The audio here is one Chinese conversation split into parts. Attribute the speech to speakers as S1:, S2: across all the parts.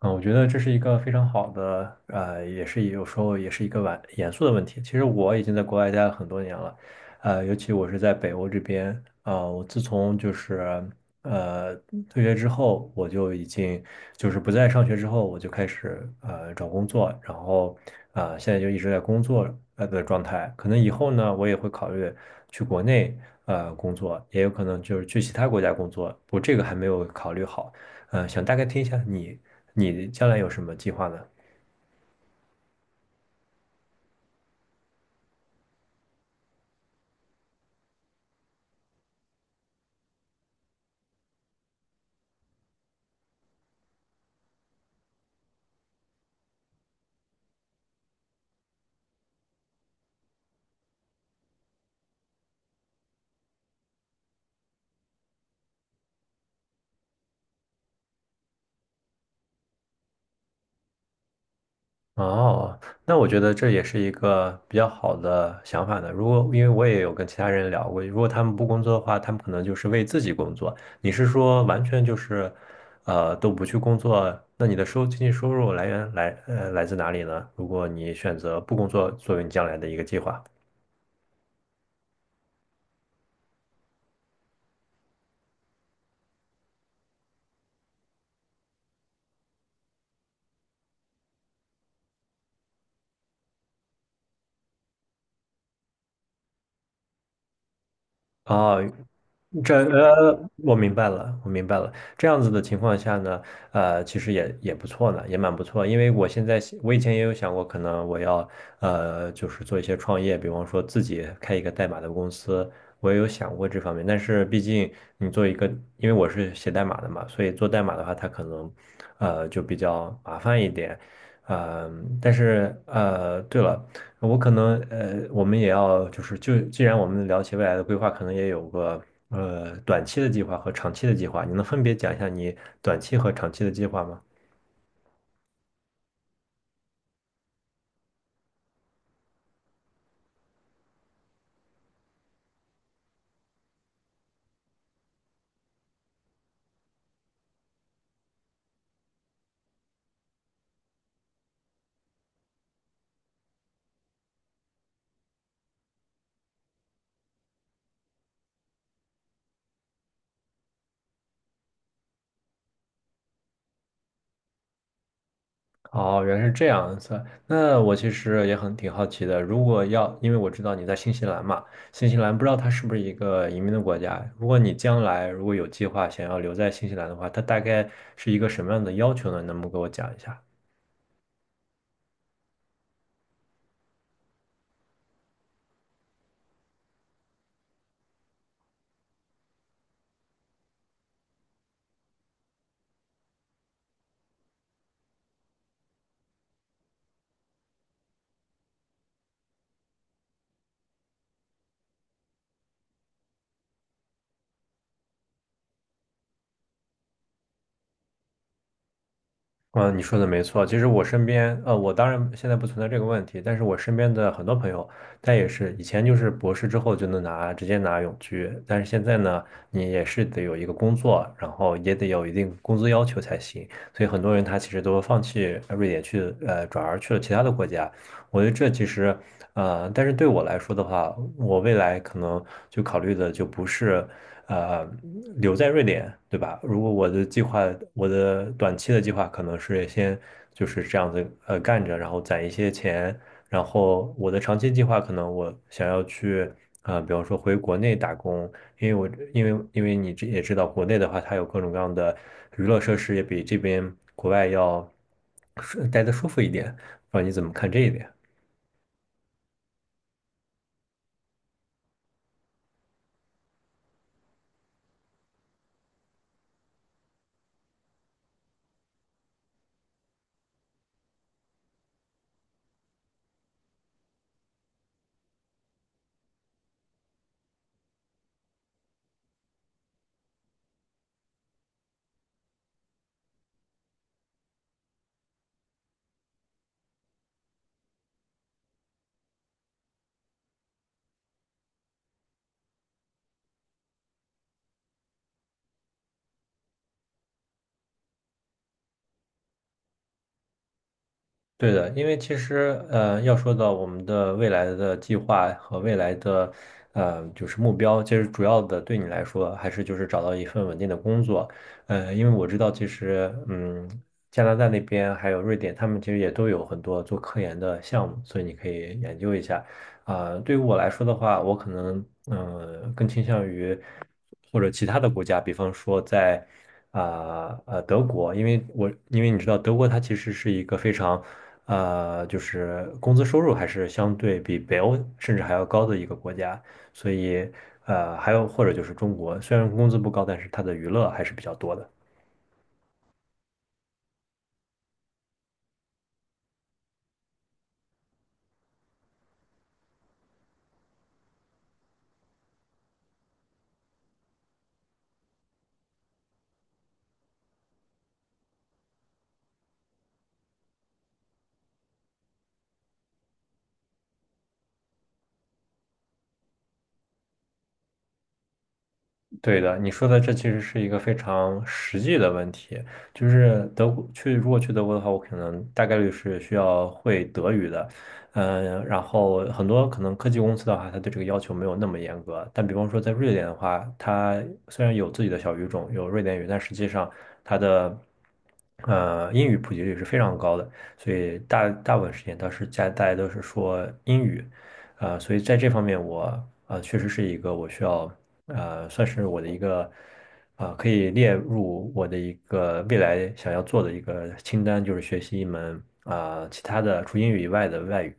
S1: 嗯，我觉得这是一个非常好的，也是有时候也是一个晚严肃的问题。其实我已经在国外待了很多年了，尤其我是在北欧这边，我自从就是呃退学之后，我就已经就是不再上学之后，我就开始找工作，然后现在就一直在工作的状态。可能以后呢，我也会考虑去国内工作，也有可能就是去其他国家工作，我这个还没有考虑好。想大概听一下你将来有什么计划呢？哦，那我觉得这也是一个比较好的想法呢。如果因为我也有跟其他人聊过，如果他们不工作的话，他们可能就是为自己工作。你是说完全就是，都不去工作？那你的经济收入来源来自哪里呢？如果你选择不工作作为你将来的一个计划。哦，我明白了，我明白了。这样子的情况下呢，其实也不错呢，也蛮不错。因为我现在想我以前也有想过，可能我要就是做一些创业，比方说自己开一个代码的公司，我也有想过这方面。但是毕竟你做一个，因为我是写代码的嘛，所以做代码的话，它可能就比较麻烦一点。但是对了。我可能我们也要就既然我们聊起未来的规划，可能也有个短期的计划和长期的计划。你能分别讲一下你短期和长期的计划吗？哦，原来是这样子。那我其实也挺好奇的，如果要，因为我知道你在新西兰嘛，新西兰不知道它是不是一个移民的国家。如果你将来如果有计划想要留在新西兰的话，它大概是一个什么样的要求呢？能不能给我讲一下？嗯，你说的没错。其实我身边，我当然现在不存在这个问题，但是我身边的很多朋友，他也是以前就是博士之后就能直接拿永居，但是现在呢，你也是得有一个工作，然后也得有一定工资要求才行。所以很多人他其实都放弃瑞典去，转而去了其他的国家。我觉得这其实，但是对我来说的话，我未来可能就考虑的就不是。呃留在瑞典，对吧？如果我的计划，我的短期的计划可能是先就是这样子干着，然后攒一些钱，然后我的长期计划可能我想要去比方说回国内打工，因为我因为因为你这也知道国内的话，它有各种各样的娱乐设施，也比这边国外要舒待的舒服一点，不知道你怎么看这一点？对的，因为其实要说到我们的未来的计划和未来的就是目标，其实主要的对你来说还是就是找到一份稳定的工作。因为我知道，其实加拿大那边还有瑞典，他们其实也都有很多做科研的项目，所以你可以研究一下。对于我来说的话，我可能嗯、更倾向于或者其他的国家，比方说在。德国，因为你知道，德国它其实是一个非常就是工资收入还是相对比北欧甚至还要高的一个国家，所以还有或者就是中国，虽然工资不高，但是它的娱乐还是比较多的。对的，你说的这其实是一个非常实际的问题，就是德国去，如果去德国的话，我可能大概率是需要会德语的，嗯，然后很多可能科技公司的话，它对这个要求没有那么严格，但比方说在瑞典的话，它虽然有自己的小语种，有瑞典语，但实际上它的英语普及率是非常高的，所以大部分时间都是家大家都是说英语。所以在这方面我啊，确实是一个我需要算是我的一个，可以列入我的一个未来想要做的一个清单，就是学习一门其他的除英语以外的外语。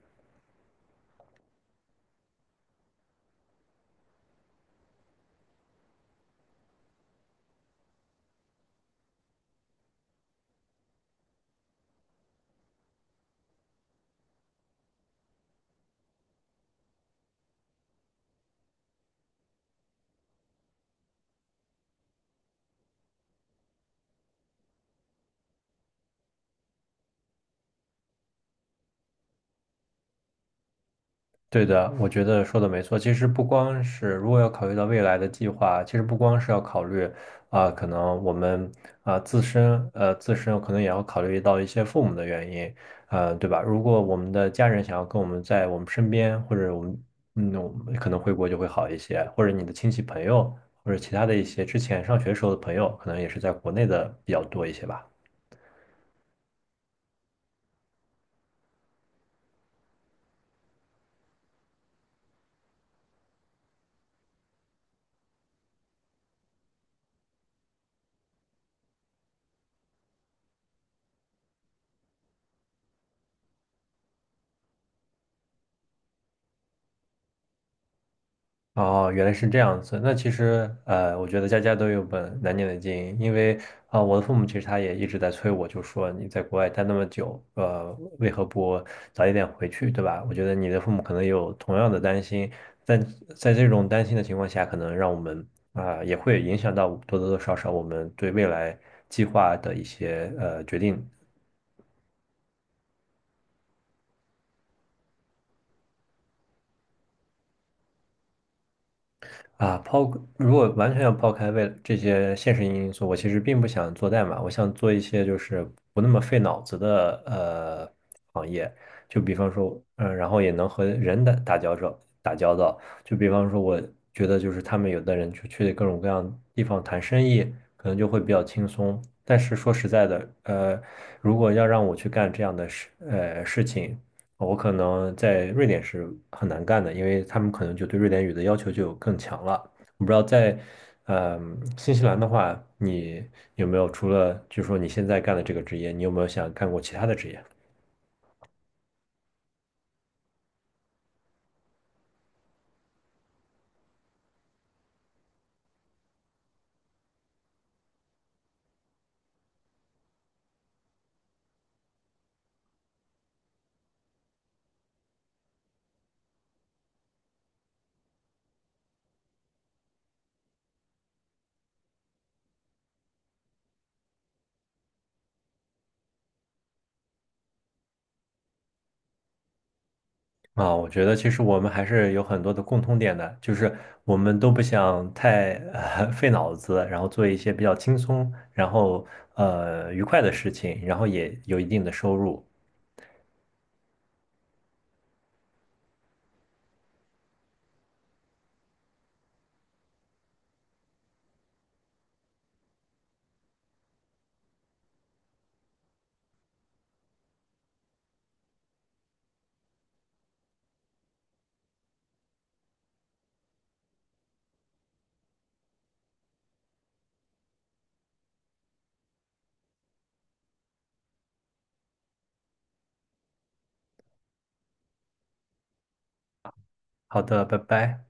S1: 对的，我觉得说的没错。其实不光是如果要考虑到未来的计划，其实不光是要考虑可能我们自身可能也要考虑到一些父母的原因，对吧？如果我们的家人想要跟我们在我们身边，或者我们可能回国就会好一些，或者你的亲戚朋友，或者其他的一些之前上学时候的朋友，可能也是在国内的比较多一些吧。哦，原来是这样子。那其实，我觉得家家都有本难念的经，因为我的父母其实他也一直在催我，就说你在国外待那么久，为何不早一点回去，对吧？我觉得你的父母可能也有同样的担心，但在这种担心的情况下，可能让我们也会影响到多多少少我们对未来计划的一些决定。啊，抛，如果完全要抛开为这些现实因素，我其实并不想做代码，我想做一些就是不那么费脑子的行业，就比方说，然后也能和人打交道，就比方说，我觉得就是他们有的人去各种各样地方谈生意，可能就会比较轻松。但是说实在的，如果要让我去干这样的事情。我可能在瑞典是很难干的，因为他们可能就对瑞典语的要求就更强了。我不知道在，呃，新西兰的话，你有没有除了就是说你现在干的这个职业，你有没有想干过其他的职业？我觉得其实我们还是有很多的共通点的，就是我们都不想太费脑子，然后做一些比较轻松，然后愉快的事情，然后也有一定的收入。好的，拜拜。